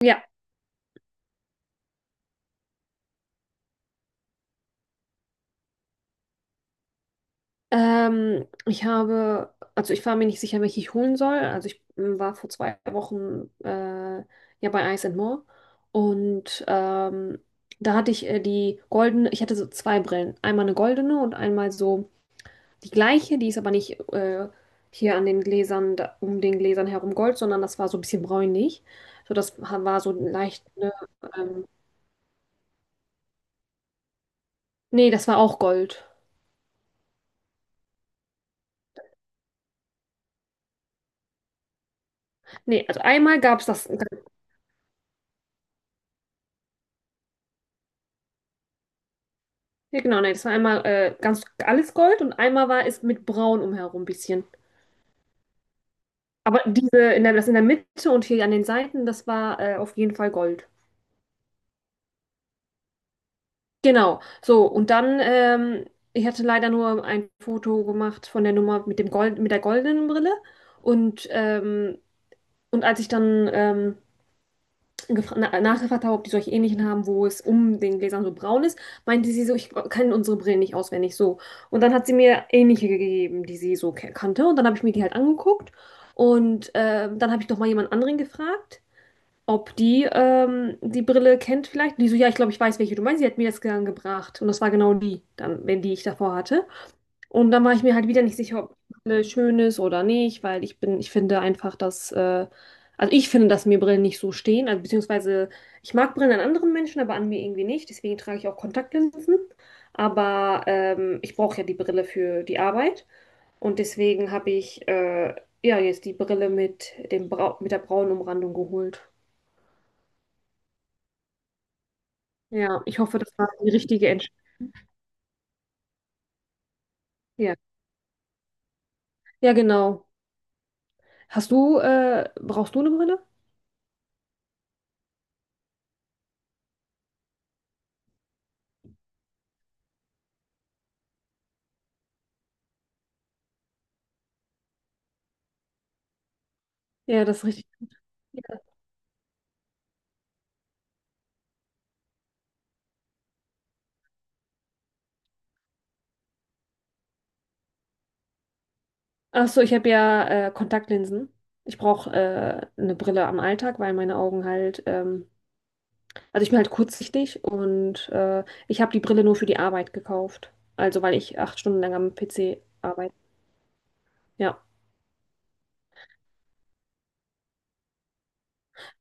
Ja, ich habe, also ich war mir nicht sicher, welche ich holen soll. Also ich war vor 2 Wochen ja bei Ice and More und da hatte ich die goldene, ich hatte so zwei Brillen. Einmal eine goldene und einmal so die gleiche, die ist aber nicht hier an den Gläsern, da, um den Gläsern herum gold, sondern das war so ein bisschen bräunlich. So, das war so leicht, ne, ähm, nee, das war auch Gold. Nee, also einmal gab es das. Ja, genau, nee, das war einmal ganz alles Gold und einmal war es mit Braun umherum ein bisschen. Aber diese, in der, das in der Mitte und hier an den Seiten, das war auf jeden Fall Gold. Genau, so, und dann, ich hatte leider nur ein Foto gemacht von der Nummer mit dem Gold, mit der goldenen Brille. Und, ähm, und als ich dann nachgefragt habe, ob die solche ähnlichen haben, wo es um den Gläsern so braun ist, meinte sie so, ich kann unsere Brillen nicht auswendig so. Und dann hat sie mir ähnliche gegeben, die sie so kannte. Und dann habe ich mir die halt angeguckt. Und dann habe ich noch mal jemand anderen gefragt, ob die die Brille kennt vielleicht. Und die so, ja, ich glaube, ich weiß, welche du meinst. Sie hat mir das dann gebracht. Und das war genau die, dann, wenn die ich davor hatte. Und dann war ich mir halt wieder nicht sicher, ob Brille schön ist oder nicht, weil ich bin, ich finde einfach, dass, also ich finde, dass mir Brillen nicht so stehen. Also beziehungsweise ich mag Brillen an anderen Menschen, aber an mir irgendwie nicht. Deswegen trage ich auch Kontaktlinsen. Aber ich brauche ja die Brille für die Arbeit. Und deswegen habe ich ja jetzt die Brille mit dem Brau mit der braunen Umrandung geholt. Ja, ich hoffe, das war die richtige Entscheidung. Ja. Ja, genau. Hast du, brauchst du eine Brille? Ja, das ist richtig. Ach so, ich habe ja Kontaktlinsen. Ich brauche eine Brille am Alltag, weil meine Augen halt, also ich bin halt kurzsichtig und ich habe die Brille nur für die Arbeit gekauft. Also weil ich 8 Stunden lang am PC arbeite. Ja.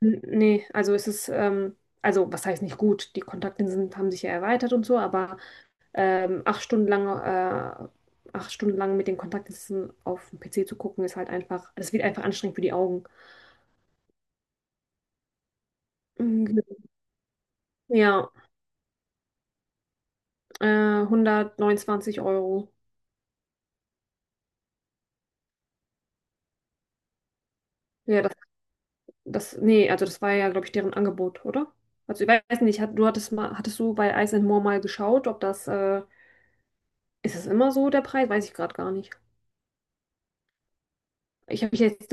N Nee, also es ist, also was heißt nicht gut? Die Kontaktlinsen haben sich ja erweitert und so, aber ähm, acht Stunden lang, äh, 8 Stunden lang mit den Kontaktlinsen auf dem PC zu gucken, ist halt einfach, das wird einfach anstrengend für die Augen. Mhm. Ja, 129 Euro. Ja, nee, also das war ja, glaube ich, deren Angebot, oder? Also ich weiß nicht, hattest du bei Ice and More mal geschaut, ob das, ist das immer so der Preis? Weiß ich gerade gar nicht. Ich habe mich jetzt,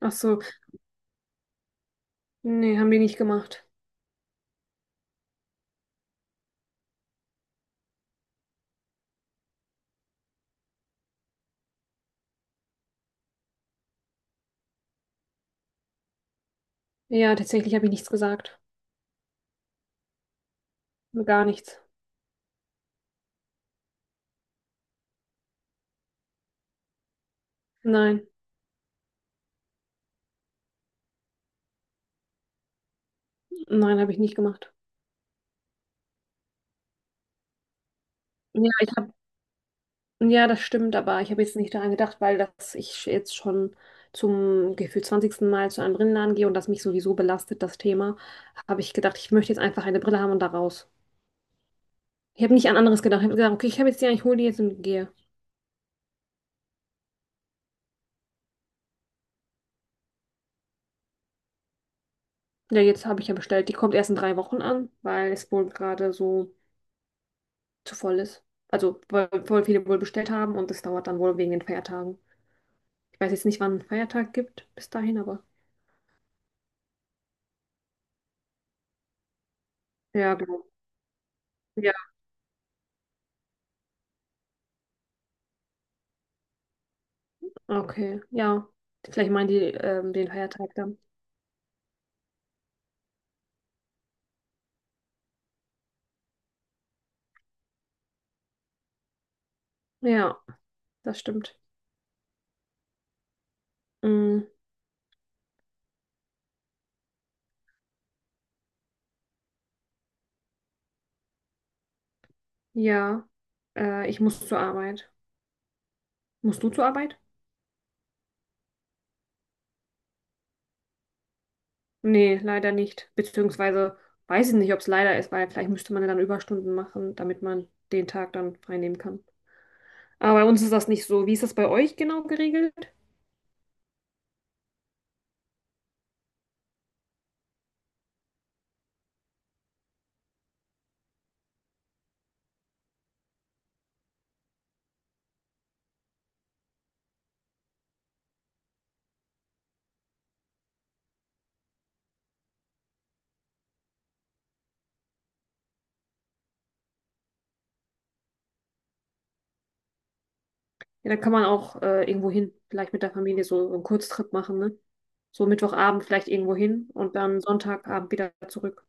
ach so, nee, haben die nicht gemacht. Ja, tatsächlich habe ich nichts gesagt. Gar nichts. Nein, nein, habe ich nicht gemacht. Ja, ich habe Ja, das stimmt, aber ich habe jetzt nicht daran gedacht, weil dass ich jetzt schon zum gefühlt 20. Mal zu einem Brillenladen gehe und das mich sowieso belastet, das Thema, habe ich gedacht, ich möchte jetzt einfach eine Brille haben und da raus. Ich habe nicht an anderes gedacht. Ich habe gesagt, okay, ich habe jetzt die, ich hole die jetzt und gehe. Ja, jetzt habe ich ja bestellt. Die kommt erst in 3 Wochen an, weil es wohl gerade so zu voll ist. Also, weil voll viele wohl bestellt haben und es dauert dann wohl wegen den Feiertagen. Ich weiß jetzt nicht, wann ein Feiertag gibt bis dahin, aber ja, genau. Ja, okay, ja. Vielleicht meinen die den Feiertag dann. Ja, das stimmt. Mm, ja, ich muss zur Arbeit. Musst du zur Arbeit? Nee, leider nicht. Beziehungsweise weiß ich nicht, ob es leider ist, weil vielleicht müsste man ja dann Überstunden machen, damit man den Tag dann frei nehmen kann. Aber bei uns ist das nicht so. Wie ist das bei euch genau geregelt? Ja, dann kann man auch irgendwo hin, vielleicht mit der Familie so, so einen Kurztrip machen, ne? So Mittwochabend vielleicht irgendwo hin und dann Sonntagabend wieder zurück.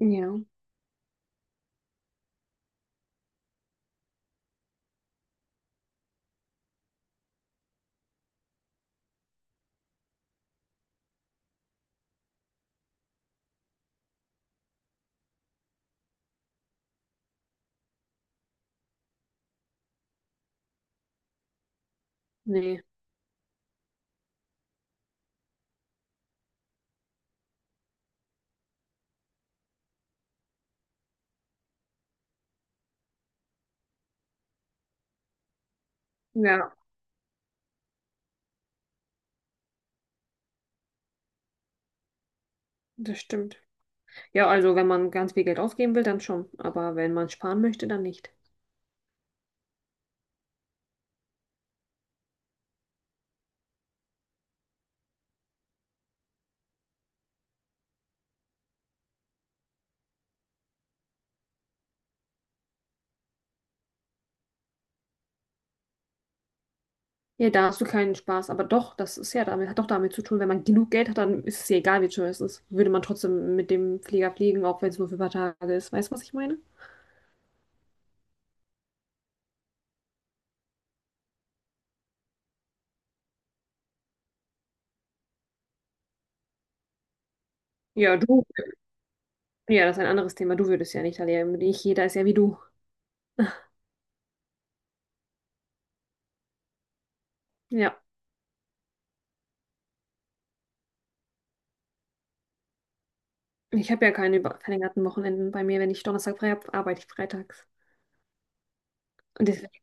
Ja, nee. Ja, das stimmt. Ja, also wenn man ganz viel Geld ausgeben will, dann schon. Aber wenn man sparen möchte, dann nicht. Ja, da hast du keinen Spaß. Aber doch, das ist ja damit, hat doch damit zu tun, wenn man genug Geld hat, dann ist es ja egal, wie teuer es ist. Würde man trotzdem mit dem Flieger fliegen, auch wenn es nur für ein paar Tage ist. Weißt du, was ich meine? Ja, du. Ja, das ist ein anderes Thema. Du würdest ja nicht, Alia. Nicht jeder ist ja wie du. Ja. Ich habe ja keine verlängerten Wochenenden bei mir. Wenn ich Donnerstag frei habe, arbeite ich freitags. Und deswegen,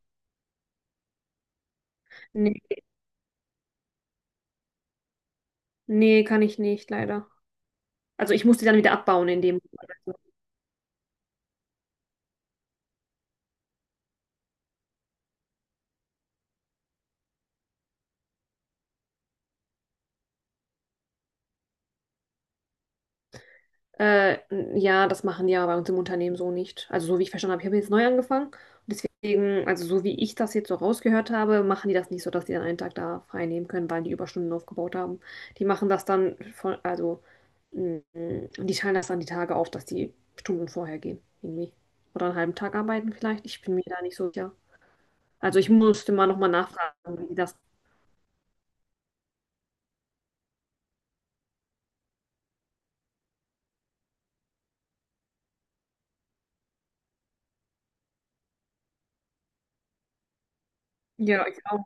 nee, nee, kann ich nicht, leider. Also ich muss die dann wieder abbauen in dem. Äh, ja, das machen die aber bei uns im Unternehmen so nicht. Also so wie ich verstanden habe, ich habe jetzt neu angefangen. Deswegen, also so wie ich das jetzt so rausgehört habe, machen die das nicht so, dass die dann einen Tag da frei nehmen können, weil die Überstunden aufgebaut haben. Die machen das dann von, also mh, die teilen das dann die Tage auf, dass die Stunden vorher gehen, irgendwie. Oder einen halben Tag arbeiten vielleicht. Ich bin mir da nicht so sicher. Also ich musste mal nochmal nachfragen, wie die das. Ja, ich auch.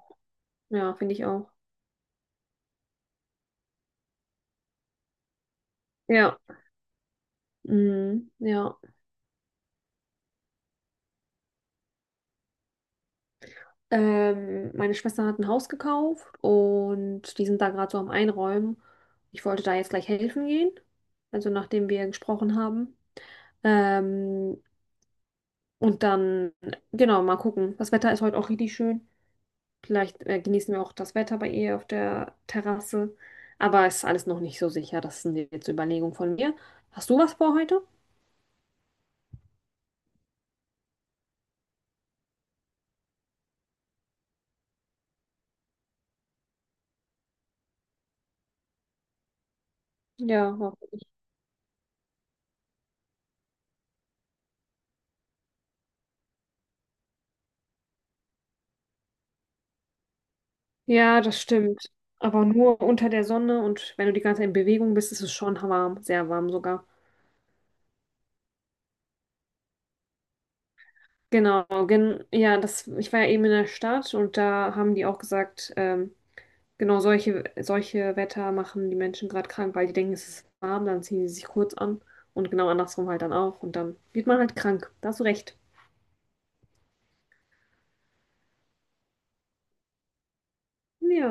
Ja, finde ich auch. Ja. Mhm, ja. Meine Schwester hat ein Haus gekauft und die sind da gerade so am Einräumen. Ich wollte da jetzt gleich helfen gehen, also nachdem wir gesprochen haben. Ähm, und dann, genau, mal gucken. Das Wetter ist heute auch richtig schön. Vielleicht genießen wir auch das Wetter bei ihr auf der Terrasse. Aber es ist alles noch nicht so sicher. Das sind jetzt Überlegungen von mir. Hast du was vor heute? Ja. Ja, das stimmt. Aber nur unter der Sonne und wenn du die ganze Zeit in Bewegung bist, ist es schon warm, sehr warm sogar. Genau, gen ja, das, ich war ja eben in der Stadt und da haben die auch gesagt, genau solche Wetter machen die Menschen gerade krank, weil die denken, es ist warm, dann ziehen sie sich kurz an und genau andersrum halt dann auch und dann wird man halt krank. Da hast du recht. Ja.